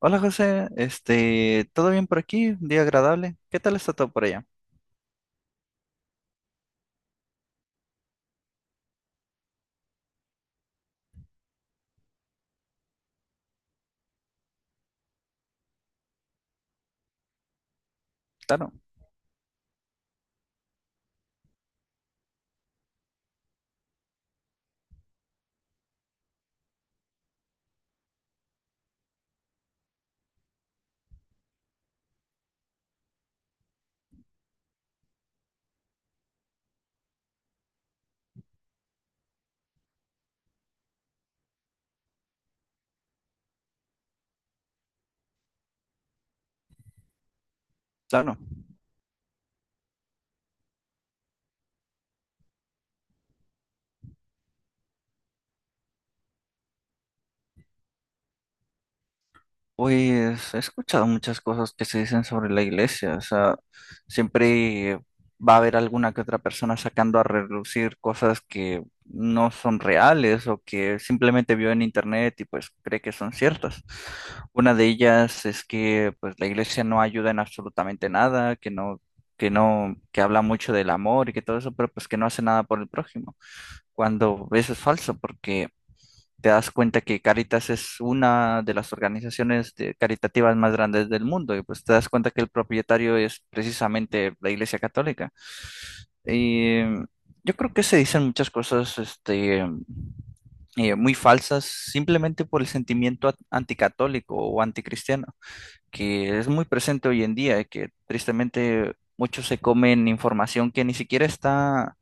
Hola José, ¿todo bien por aquí? Un día agradable. ¿Qué tal está todo por allá? Claro, claro. Pues he escuchado muchas cosas que se dicen sobre la iglesia, o sea, siempre va a haber alguna que otra persona sacando a relucir cosas que no son reales o que simplemente vio en internet y pues cree que son ciertas. Una de ellas es que pues la iglesia no ayuda en absolutamente nada, que no, que no, que habla mucho del amor y que todo eso, pero pues que no hace nada por el prójimo, cuando eso es falso, porque te das cuenta que Caritas es una de las caritativas más grandes del mundo, y pues te das cuenta que el propietario es precisamente la Iglesia Católica. Y yo creo que se dicen muchas cosas, muy falsas simplemente por el sentimiento anticatólico o anticristiano, que es muy presente hoy en día y que tristemente muchos se comen información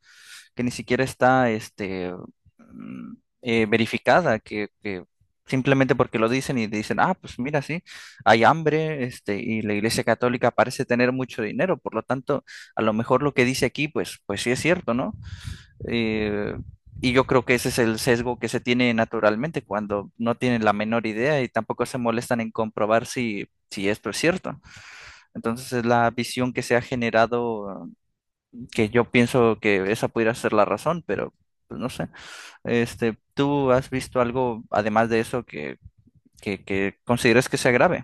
que ni siquiera está mm, verificada, que simplemente porque lo dicen y dicen, ah, pues mira, sí, hay hambre, y la Iglesia Católica parece tener mucho dinero, por lo tanto, a lo mejor lo que dice aquí, pues sí es cierto, ¿no? Eh, y yo creo que ese es el sesgo que se tiene naturalmente cuando no tienen la menor idea y tampoco se molestan en comprobar si esto es cierto. Entonces es la visión que se ha generado que yo pienso que esa pudiera ser la razón, pero pues, no sé. ¿Tú has visto algo además de eso que consideres que sea grave?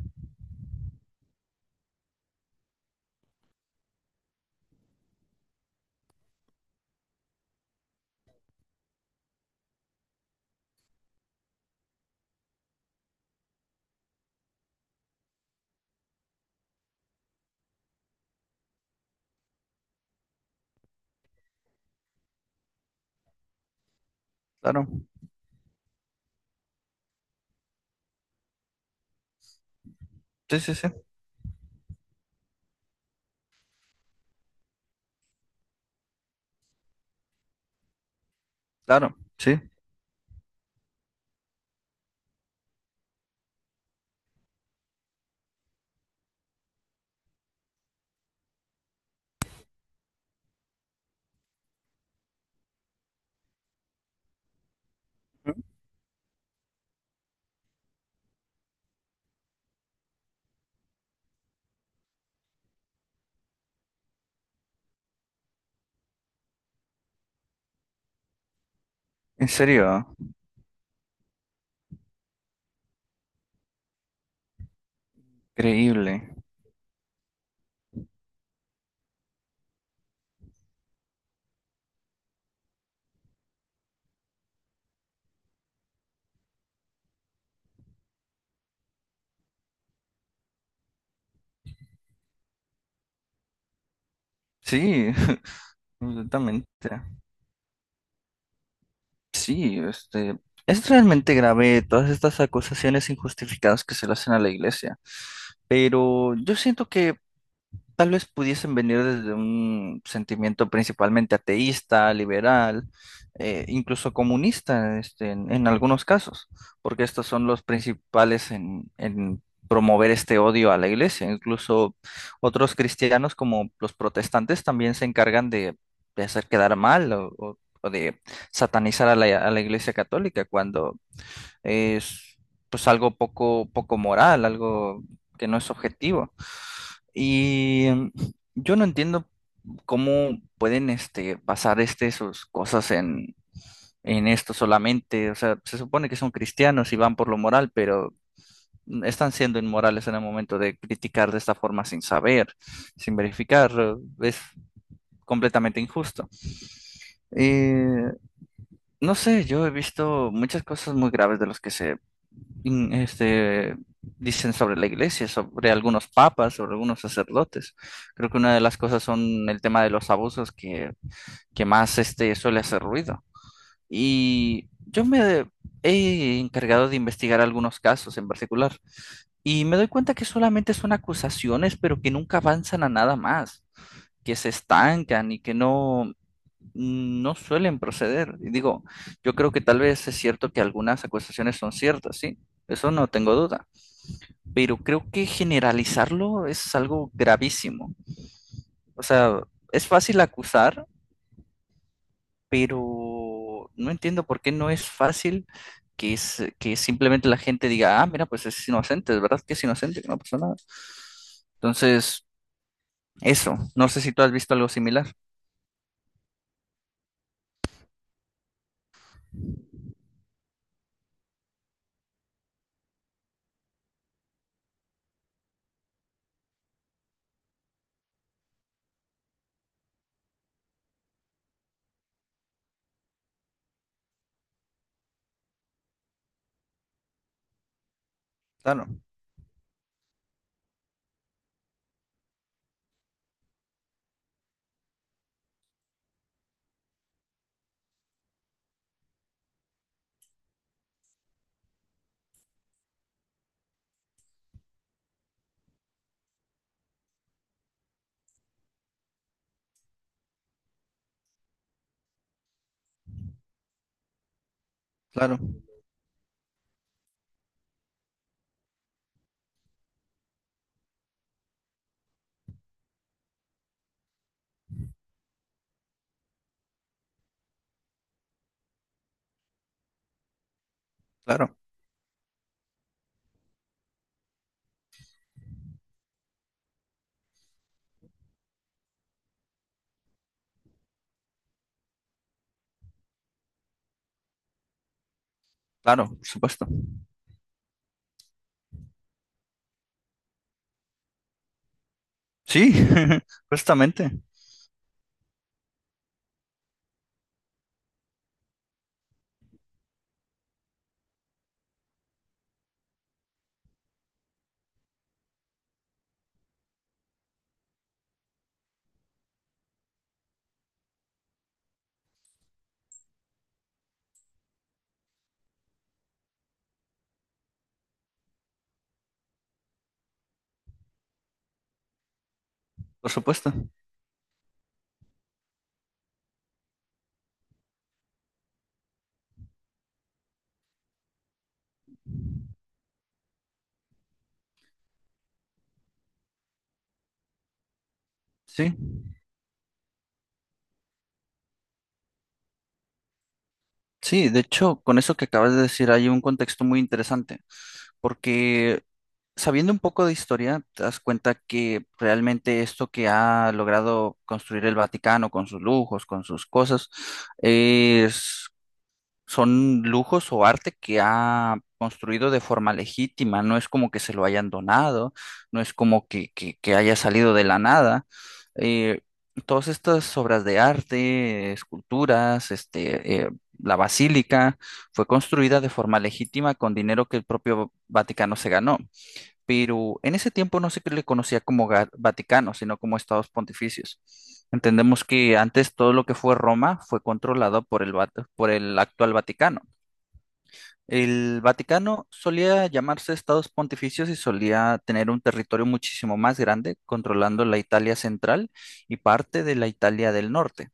Claro. Sí, sí, sí. Claro. Sí. Ujú. En serio. Increíble. Sí, completamente. Sí, es realmente grave todas estas acusaciones injustificadas que se le hacen a la iglesia, pero yo siento que tal vez pudiesen venir desde un sentimiento principalmente ateísta, liberal, incluso comunista, en algunos casos, porque estos son los principales en promover este odio a la iglesia. Incluso otros cristianos, como los protestantes, también se encargan de hacer quedar mal o de satanizar a a la iglesia católica cuando es pues algo poco, poco moral, algo que no es objetivo. Y mm, yo no entiendo cómo pueden basar sus cosas en esto solamente. O sea, se supone que son cristianos y van por lo moral, pero están siendo inmorales en el momento de criticar de esta forma sin saber, sin verificar. Es completamente injusto. Eh, no sé, yo he visto muchas cosas muy graves de los que se in- este, dicen sobre la iglesia, sobre algunos papas, sobre algunos sacerdotes. Creo que una de las cosas son el tema de los abusos que más suele hacer ruido. Y yo me he encargado de investigar algunos casos en particular y me doy cuenta que solamente son acusaciones, pero que nunca avanzan a nada más, que se estancan y que no no suelen proceder. Y digo, yo creo que tal vez es cierto que algunas acusaciones son ciertas, sí, eso no tengo duda, pero creo que generalizarlo es algo gravísimo. O sea, es fácil acusar, pero no entiendo por qué no es fácil que simplemente la gente diga, ah, mira, pues es inocente, de verdad que es inocente, que no pasó nada. Entonces, eso, no sé si tú has visto algo similar. Claro, claro, claro, claro, por supuesto. Sí, justamente, por supuesto. Sí, sí, de hecho, con eso que acabas de decir hay un contexto muy interesante, porque sabiendo un poco de historia, te das cuenta que realmente esto que ha logrado construir el Vaticano con sus lujos, con sus cosas, es son lujos o arte que ha construido de forma legítima, no es como que se lo hayan donado, no es como que haya salido de la nada. Eh, todas estas obras de arte, esculturas, la basílica, fue construida de forma legítima con dinero que el propio Vaticano se ganó, pero en ese tiempo no se le conocía como Vaticano, sino como Estados Pontificios. Entendemos que antes todo lo que fue Roma fue controlado por por el actual Vaticano. El Vaticano solía llamarse Estados Pontificios y solía tener un territorio muchísimo más grande, controlando la Italia central y parte de la Italia del norte.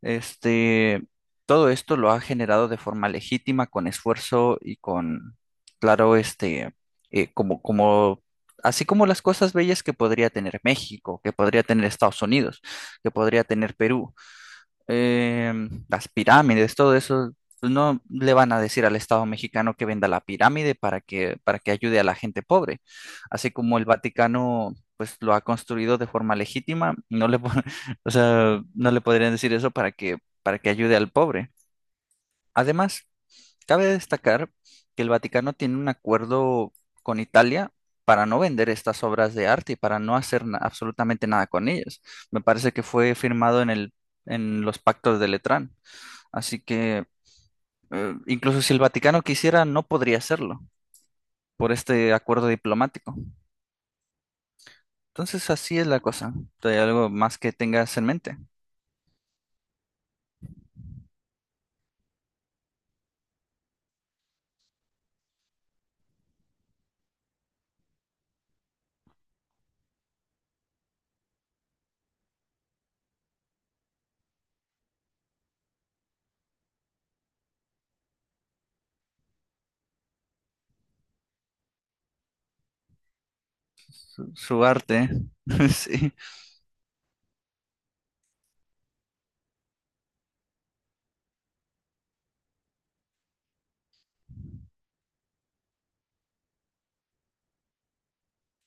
Este, todo esto lo ha generado de forma legítima, con esfuerzo y con, claro, como así como las cosas bellas que podría tener México, que podría tener Estados Unidos, que podría tener Perú, las pirámides, todo eso, pues no le van a decir al Estado mexicano que venda la pirámide para que ayude a la gente pobre. Así como el Vaticano, pues lo ha construido de forma legítima, no le, po- o sea, no le podrían decir eso para que ayude al pobre. Además, cabe destacar que el Vaticano tiene un acuerdo con Italia, para no vender estas obras de arte y para no hacer absolutamente nada con ellas. Me parece que fue firmado en los pactos de Letrán. Así que incluso si el Vaticano quisiera, no podría hacerlo por este acuerdo diplomático. Entonces así es la cosa. ¿Hay algo más que tengas en mente? Su arte. Sí,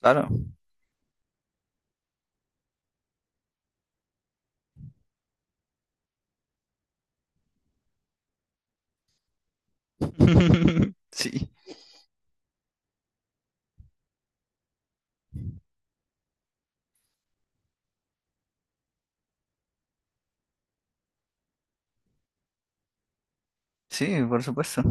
claro. Sí, sí, por supuesto.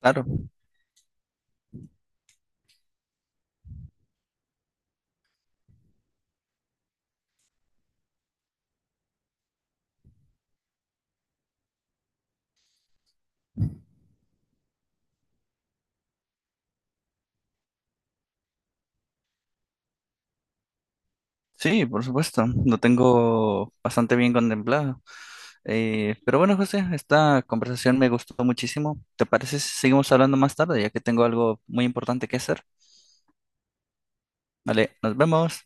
Claro. Sí, por supuesto. Lo tengo bastante bien contemplado. Pero bueno, José, esta conversación me gustó muchísimo. ¿Te parece si seguimos hablando más tarde, ya que tengo algo muy importante que hacer? Vale, nos vemos.